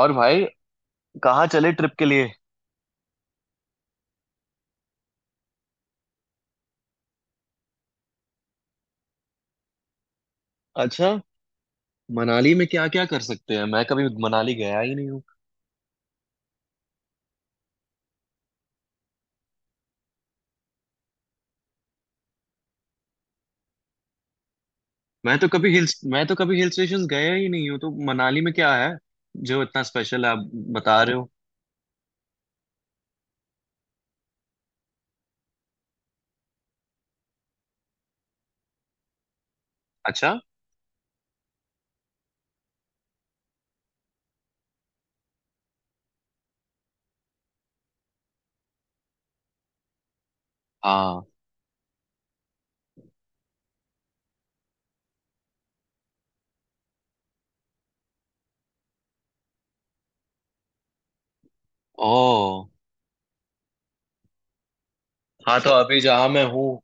और भाई कहाँ चले ट्रिप के लिए। अच्छा, मनाली में क्या क्या कर सकते हैं? मैं कभी मनाली गया ही नहीं हूँ। मैं तो कभी हिल मैं तो कभी हिल स्टेशन गया ही नहीं हूँ, तो मनाली में क्या है जो इतना स्पेशल है आप बता रहे हो? अच्छा। हाँ। ओ। हाँ तो अभी जहाँ मैं हूँ,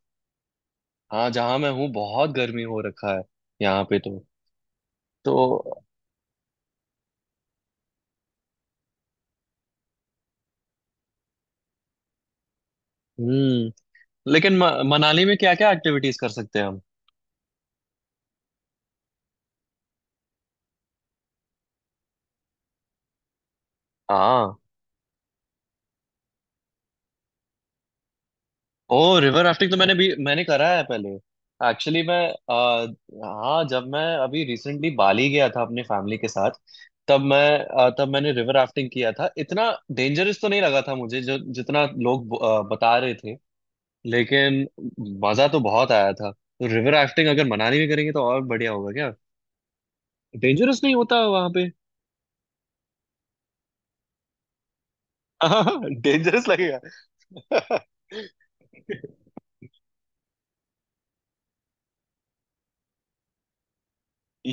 हाँ जहाँ मैं हूँ बहुत गर्मी हो रखा है यहाँ पे तो। तो हम्म। लेकिन मनाली में क्या क्या एक्टिविटीज कर सकते हैं हम? हाँ। ओ, रिवर राफ्टिंग तो मैंने करा है पहले। एक्चुअली मैं आ, हाँ, जब मैं अभी रिसेंटली बाली गया था अपने फैमिली के साथ, तब तब मैंने रिवर राफ्टिंग किया था। इतना डेंजरस तो नहीं लगा था मुझे जो जितना लोग बता रहे थे, लेकिन मजा तो बहुत आया था। तो रिवर राफ्टिंग अगर मनाली में करेंगे तो और बढ़िया होगा क्या? डेंजरस नहीं होता वहां पे? डेंजरस लगेगा।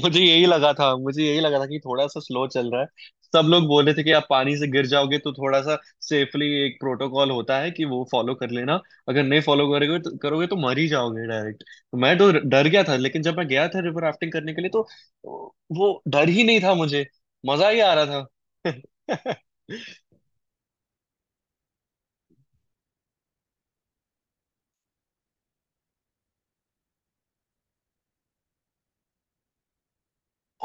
मुझे यही लगा था, मुझे यही लगा था कि थोड़ा सा स्लो चल रहा है। सब लोग बोल रहे थे कि आप पानी से गिर जाओगे, तो थोड़ा सा सेफली एक प्रोटोकॉल होता है कि वो फॉलो कर लेना। अगर नहीं फॉलो करोगे तो मर ही जाओगे डायरेक्ट। तो मैं तो डर गया था, लेकिन जब मैं गया था रिवर राफ्टिंग करने के लिए, तो वो डर ही नहीं था मुझे। मजा ही आ रहा था।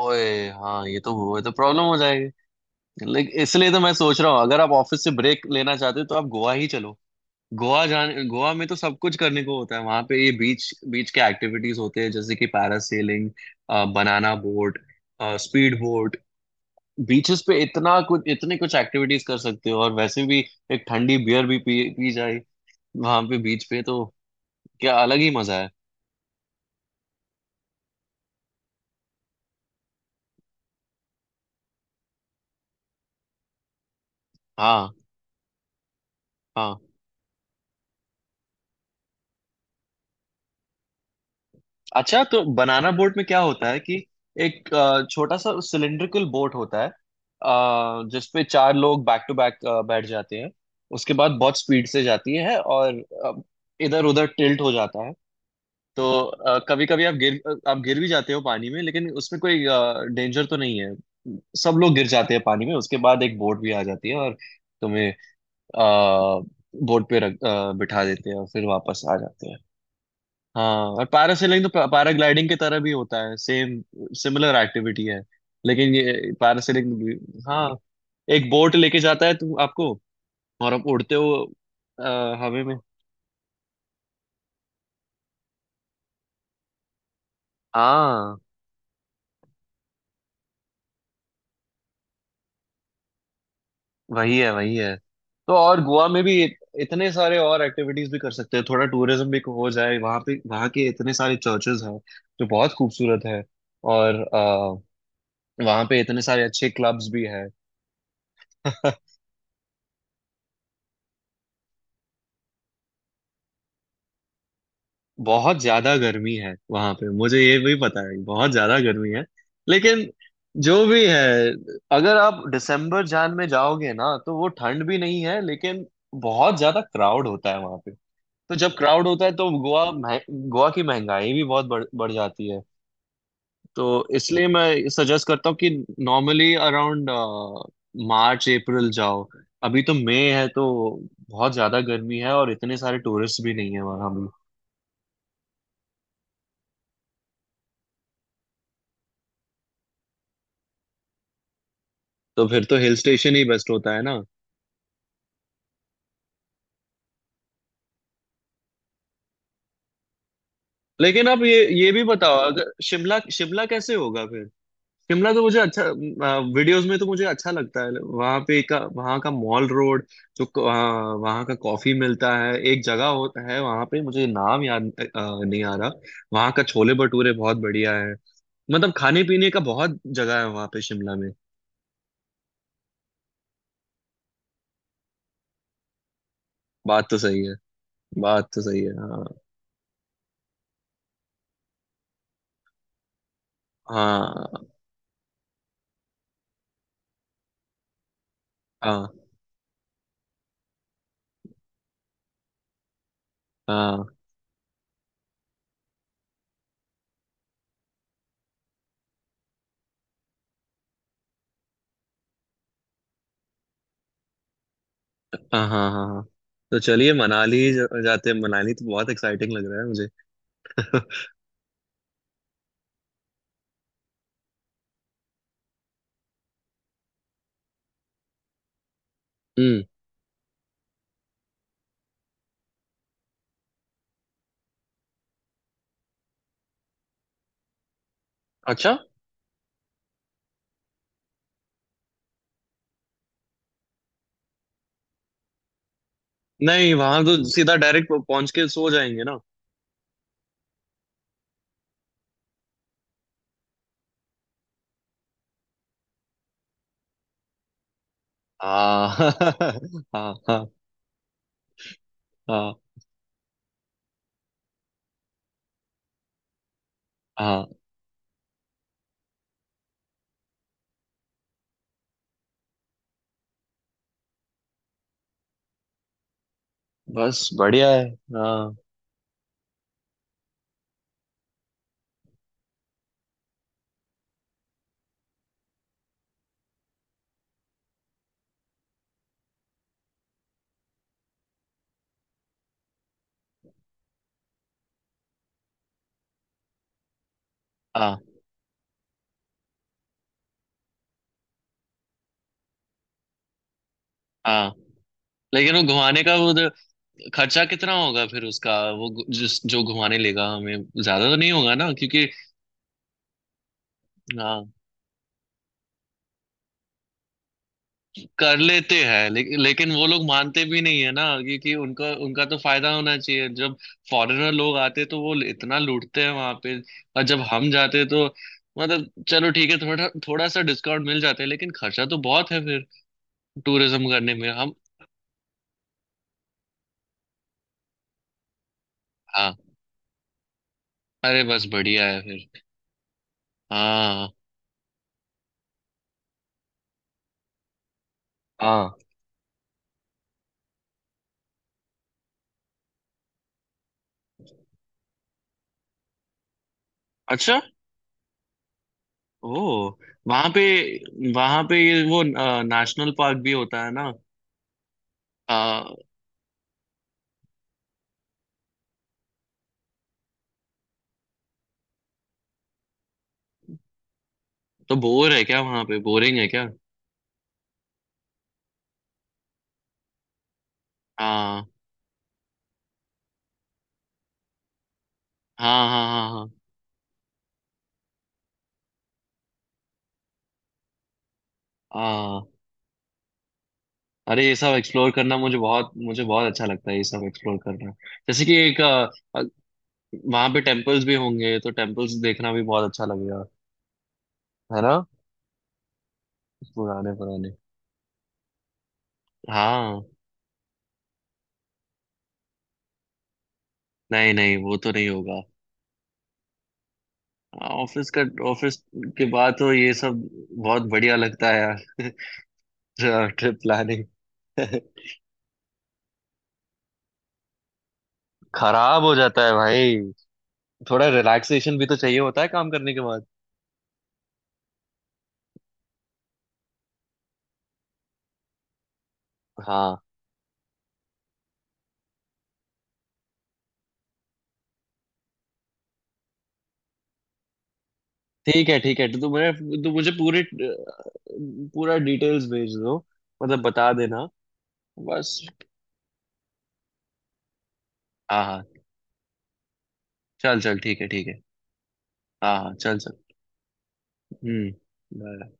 ओए हाँ, ये तो, वो तो प्रॉब्लम हो जाएगी। लेकिन इसलिए तो मैं सोच रहा हूँ, अगर आप ऑफिस से ब्रेक लेना चाहते हो तो आप गोवा ही चलो। गोवा जाने, गोवा में तो सब कुछ करने को होता है वहां पे। ये बीच, बीच के एक्टिविटीज होते हैं जैसे कि parasailing, banana boat, speed boat. Beaches पे इतना कुछ, इतने कुछ एक्टिविटीज कर सकते हो। और वैसे भी एक ठंडी बियर भी पी पी जाए वहां पे बीच पे तो क्या अलग ही मजा है। हाँ। हाँ। अच्छा, तो बनाना बोट में क्या होता है कि एक छोटा सा सिलेंड्रिकल बोट होता है, जिसपे चार लोग बैक टू बैक बैठ जाते हैं। उसके बाद बहुत स्पीड से जाती है और इधर उधर टिल्ट हो जाता है। तो कभी कभी आप आप गिर भी जाते हो पानी में, लेकिन उसमें कोई डेंजर तो नहीं है। सब लोग गिर जाते हैं पानी में। उसके बाद एक बोट भी आ जाती है और तुम्हें बोट पे रख अ, बिठा देते हैं और फिर वापस आ जाते हैं। हाँ। और पैरासेलिंग तो पैराग्लाइडिंग की तरह भी होता है, सेम सिमिलर एक्टिविटी है। लेकिन ये पैरासेलिंग, हाँ, एक बोट लेके जाता है तुम आपको, और आप उड़ते हो अ, हवा में। हाँ। वही है। तो और गोवा में भी इतने सारे और एक्टिविटीज भी कर सकते हैं। थोड़ा टूरिज्म भी हो जाए। वहाँ पे, वहाँ के इतने सारे चर्चेस हैं जो बहुत खूबसूरत है। और वहाँ पे इतने सारे अच्छे क्लब्स भी हैं। बहुत ज्यादा गर्मी है वहां पे, मुझे ये भी पता है, बहुत ज्यादा गर्मी है। लेकिन जो भी है, अगर आप दिसंबर जान में जाओगे ना तो वो ठंड भी नहीं है, लेकिन बहुत ज्यादा क्राउड होता है वहां पे। तो जब क्राउड होता है तो गोवा की महंगाई भी बहुत बढ़ बढ़ जाती है। तो इसलिए मैं सजेस्ट करता हूँ कि नॉर्मली अराउंड मार्च अप्रैल जाओ। अभी तो मई है तो बहुत ज्यादा गर्मी है, और इतने सारे टूरिस्ट भी नहीं है वहां। तो फिर तो हिल स्टेशन ही बेस्ट होता है ना। लेकिन आप ये भी बताओ, अगर शिमला शिमला कैसे होगा फिर? शिमला तो मुझे अच्छा, वीडियोस में तो मुझे अच्छा लगता है। वहां पे का, वहां का मॉल रोड, जो वहाँ वहाँ का कॉफी मिलता है एक जगह होता है वहां पे, मुझे नाम याद नहीं आ रहा। वहां का छोले भटूरे बहुत बढ़िया है। मतलब खाने पीने का बहुत जगह है वहां पे शिमला में। बात तो सही है। बात तो सही है, हाँ। हाँ हाँ हाँ। हाँ हाँ हाँ हाँ। तो चलिए मनाली जाते हैं। मनाली तो बहुत एक्साइटिंग लग रहा है मुझे। हम्म। अच्छा। नहीं, वहां तो सीधा डायरेक्ट पहुंच के सो जाएंगे ना। हाँ। हाँ हाँ हाँ हाँ। बस बढ़िया है। हाँ हाँ हाँ। लेकिन वो घुमाने का खर्चा कितना होगा फिर उसका? वो जिस जो घुमाने लेगा हमें, ज्यादा तो नहीं होगा ना, क्योंकि हाँ, कर लेते हैं। लेकिन वो लोग मानते भी नहीं है ना क्योंकि उनका उनका तो फायदा होना चाहिए। जब फॉरेनर लोग आते तो वो इतना लूटते हैं वहां पे, और जब हम जाते तो, मतलब चलो ठीक है, थोड़ा थोड़ा सा डिस्काउंट मिल जाता है, लेकिन खर्चा तो बहुत है फिर टूरिज्म करने में हम। हाँ। अरे बस बढ़िया है फिर। हाँ हाँ। अच्छा। ओ। वहां पे, वहां पे ये वो नेशनल पार्क भी होता है ना? आ, तो बोर है क्या वहां पे? बोरिंग है क्या? हाँ हाँ हाँ हाँ। हाँ हाँ। अरे ये सब एक्सप्लोर करना मुझे बहुत, मुझे बहुत अच्छा लगता है ये सब एक्सप्लोर करना। जैसे कि एक, वहां पे टेम्पल्स भी होंगे तो टेम्पल्स देखना भी बहुत अच्छा लगेगा। है ना? पुराने पुराने। हाँ। नहीं नहीं, वो तो नहीं होगा। हाँ, ऑफिस का, ऑफिस के बाद तो ये सब बहुत बढ़िया लगता है यार। Trip planning. खराब हो जाता है भाई। थोड़ा रिलैक्सेशन भी तो चाहिए होता है काम करने के बाद। हाँ। ठीक है ठीक है, तो मुझे, तो मुझे पूरे, पूरा डिटेल्स भेज दो। मतलब बता देना बस। हाँ हाँ, चल चल, ठीक है ठीक है। हाँ हाँ चल चल। हम्म। bye।